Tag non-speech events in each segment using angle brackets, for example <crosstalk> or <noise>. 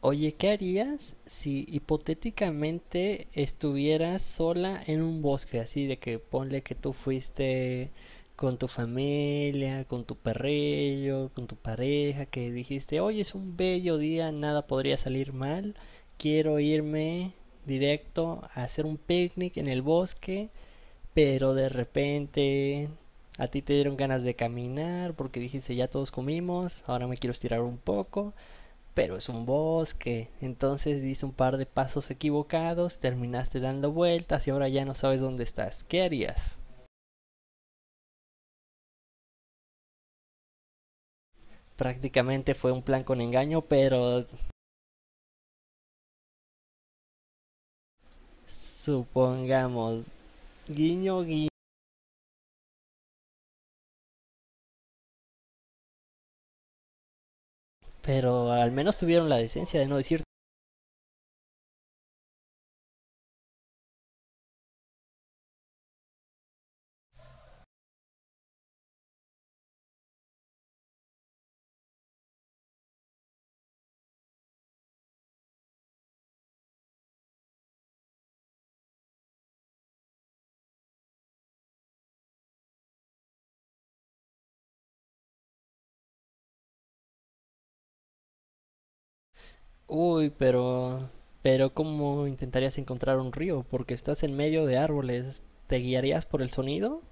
Oye, ¿qué harías si hipotéticamente estuvieras sola en un bosque? Así de que ponle que tú fuiste con tu familia, con tu perrillo, con tu pareja, que dijiste, hoy es un bello día, nada podría salir mal, quiero irme directo a hacer un picnic en el bosque, pero de repente a ti te dieron ganas de caminar porque dijiste, ya todos comimos, ahora me quiero estirar un poco pero es un bosque. Entonces dice un par de pasos equivocados, terminaste dando vueltas y ahora ya no sabes dónde estás. ¿Qué harías? Prácticamente fue un plan con engaño, pero supongamos, guiño, guiño. Pero al menos tuvieron la decencia de no decir, uy, pero... Pero ¿cómo intentarías encontrar un río? Porque estás en medio de árboles. ¿Te guiarías por el sonido?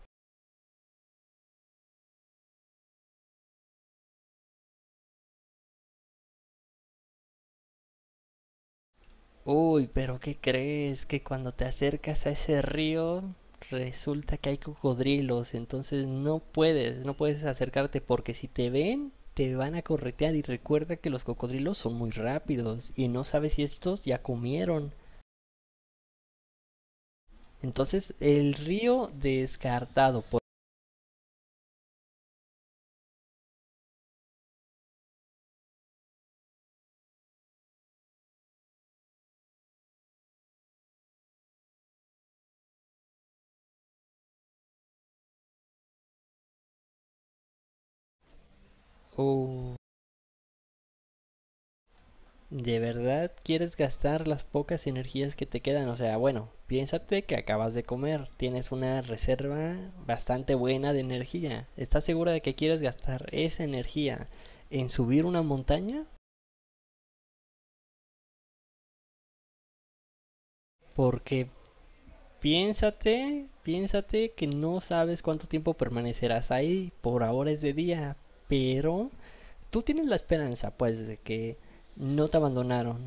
Uy, pero ¿qué crees? Que cuando te acercas a ese río resulta que hay cocodrilos, entonces no puedes, no puedes acercarte porque si te ven te van a corretear y recuerda que los cocodrilos son muy rápidos y no sabes si estos ya comieron. Entonces el río descartado por... Uy, ¿de verdad quieres gastar las pocas energías que te quedan? O sea, bueno, piénsate que acabas de comer, tienes una reserva bastante buena de energía. ¿Estás segura de que quieres gastar esa energía en subir una montaña? Porque piénsate, piénsate que no sabes cuánto tiempo permanecerás ahí. Por ahora es de día, pero tú tienes la esperanza, pues, de que no te abandonaron,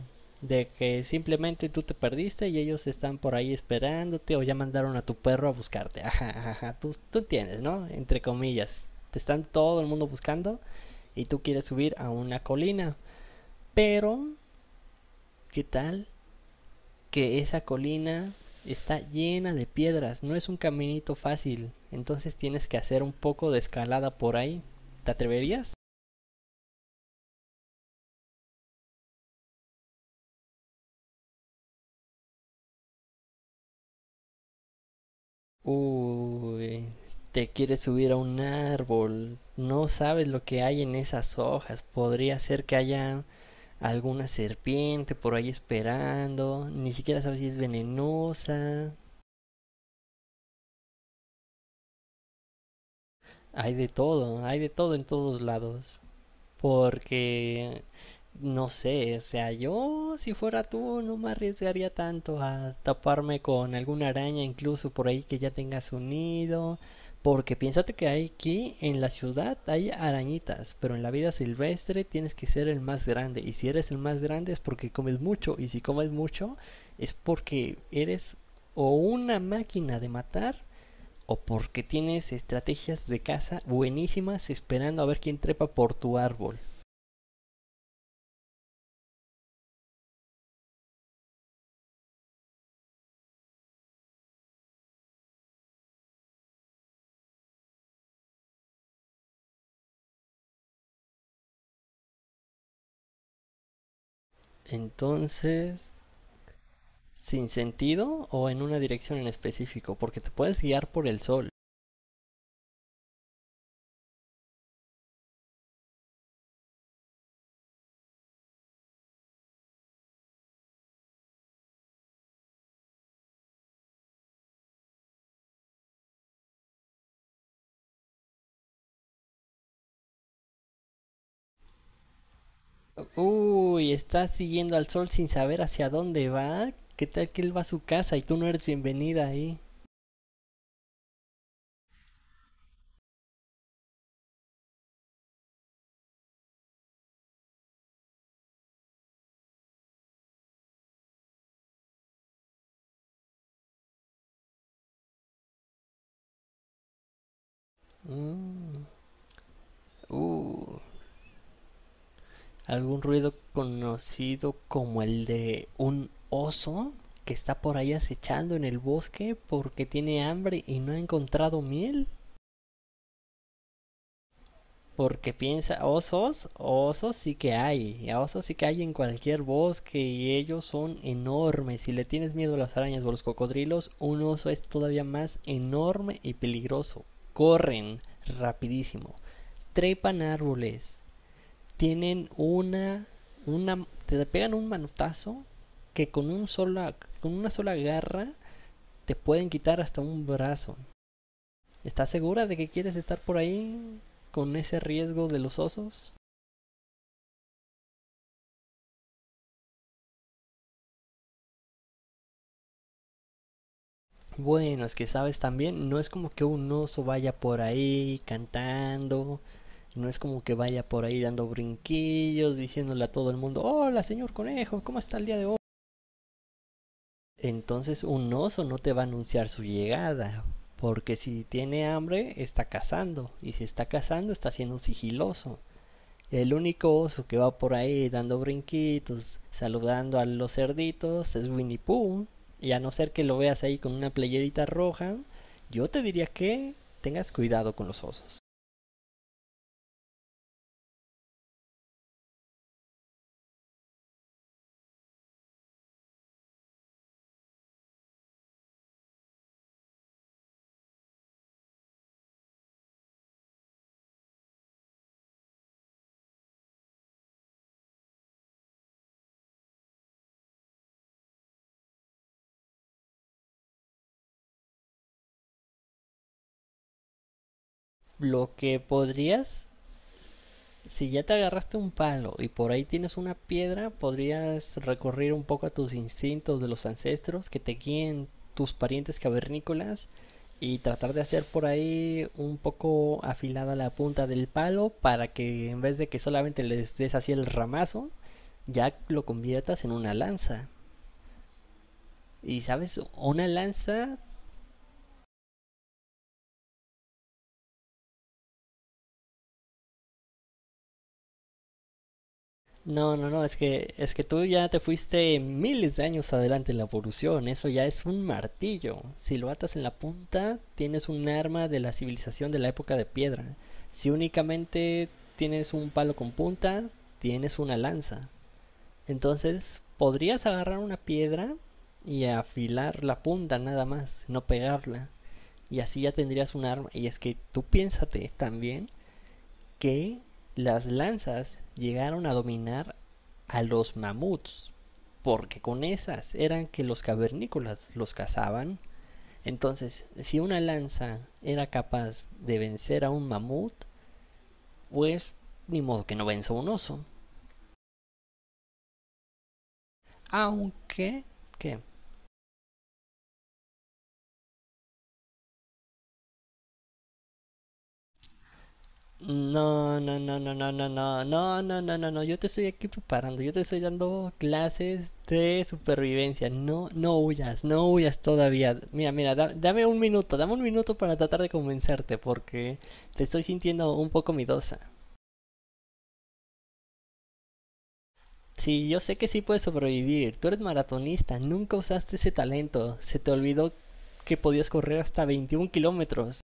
de que simplemente tú te perdiste y ellos están por ahí esperándote o ya mandaron a tu perro a buscarte. <laughs> Ajá, ajá, tú entiendes, ¿no? Entre comillas. Te están todo el mundo buscando y tú quieres subir a una colina. Pero, ¿qué tal que esa colina está llena de piedras? No es un caminito fácil. Entonces tienes que hacer un poco de escalada por ahí. ¿Te atreverías? Uy, te quieres subir a un árbol. No sabes lo que hay en esas hojas. Podría ser que haya alguna serpiente por ahí esperando. Ni siquiera sabes si es venenosa. Hay de todo en todos lados. Porque, no sé, o sea, yo si fuera tú no me arriesgaría tanto a taparme con alguna araña, incluso por ahí que ya tengas un nido. Porque piénsate que hay aquí en la ciudad hay arañitas, pero en la vida silvestre tienes que ser el más grande. Y si eres el más grande es porque comes mucho. Y si comes mucho es porque eres o una máquina de matar o porque tienes estrategias de caza buenísimas esperando a ver quién trepa por tu árbol. Entonces, ¿sin sentido o en una dirección en específico? Porque te puedes guiar por el sol. Uy, estás siguiendo al sol sin saber hacia dónde va. ¿Qué tal que él va a su casa y tú no eres bienvenida ahí? Mm, uh, algún ruido conocido como el de un oso que está por ahí acechando en el bosque porque tiene hambre y no ha encontrado miel. Porque piensa, osos, osos sí que hay, osos sí que hay en cualquier bosque y ellos son enormes. Si le tienes miedo a las arañas o a los cocodrilos, un oso es todavía más enorme y peligroso. Corren rapidísimo, trepan árboles, tienen una te pegan un manotazo que con un sola, con una sola garra te pueden quitar hasta un brazo. ¿Estás segura de que quieres estar por ahí con ese riesgo de los osos? Bueno, es que sabes también, no es como que un oso vaya por ahí cantando, no es como que vaya por ahí dando brinquillos, diciéndole a todo el mundo, hola señor conejo, ¿cómo está el día de hoy? Entonces un oso no te va a anunciar su llegada, porque si tiene hambre está cazando, y si está cazando está siendo sigiloso. El único oso que va por ahí dando brinquitos, saludando a los cerditos, es Winnie Pooh. Y a no ser que lo veas ahí con una playerita roja, yo te diría que tengas cuidado con los osos. Lo que podrías, si ya te agarraste un palo y por ahí tienes una piedra, podrías recurrir un poco a tus instintos de los ancestros que te guíen tus parientes cavernícolas y tratar de hacer por ahí un poco afilada la punta del palo para que en vez de que solamente les des así el ramazo, ya lo conviertas en una lanza. Y sabes, una lanza no, no, no, es que tú ya te fuiste miles de años adelante en la evolución, eso ya es un martillo. Si lo atas en la punta, tienes un arma de la civilización de la época de piedra. Si únicamente tienes un palo con punta, tienes una lanza. Entonces, podrías agarrar una piedra y afilar la punta nada más, no pegarla. Y así ya tendrías un arma. Y es que tú piénsate también que las lanzas llegaron a dominar a los mamuts. Porque con esas eran que los cavernícolas los cazaban. Entonces, si una lanza era capaz de vencer a un mamut, pues ni modo que no venza a un oso. Aunque, ¿qué? No, no, no, no, no, no, no, no, no, no, no, no, yo te estoy aquí preparando, yo te estoy dando clases de supervivencia, no, no huyas, no huyas todavía. Mira, mira, dame un minuto para tratar de convencerte, porque te estoy sintiendo un poco miedosa. Sí, yo sé que sí puedes sobrevivir, tú eres maratonista, nunca usaste ese talento, se te olvidó que podías correr hasta 21 kilómetros.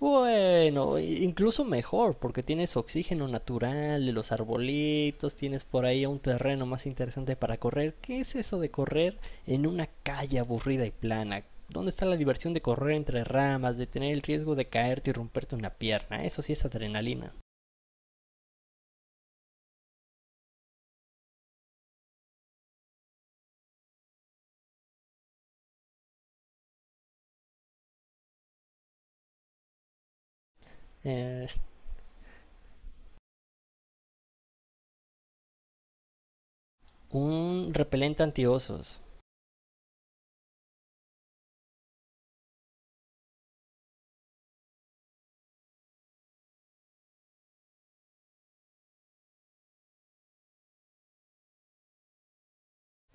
Bueno, incluso mejor, porque tienes oxígeno natural de los arbolitos, tienes por ahí un terreno más interesante para correr. ¿Qué es eso de correr en una calle aburrida y plana? ¿Dónde está la diversión de correr entre ramas, de tener el riesgo de caerte y romperte una pierna? Eso sí es adrenalina. Eh, un repelente antiosos.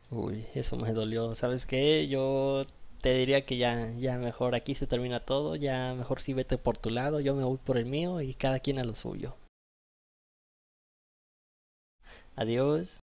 Uy, eso me dolió. ¿Sabes qué? Yo te diría que ya, ya mejor aquí se termina todo, ya mejor sí vete por tu lado, yo me voy por el mío y cada quien a lo suyo. Adiós.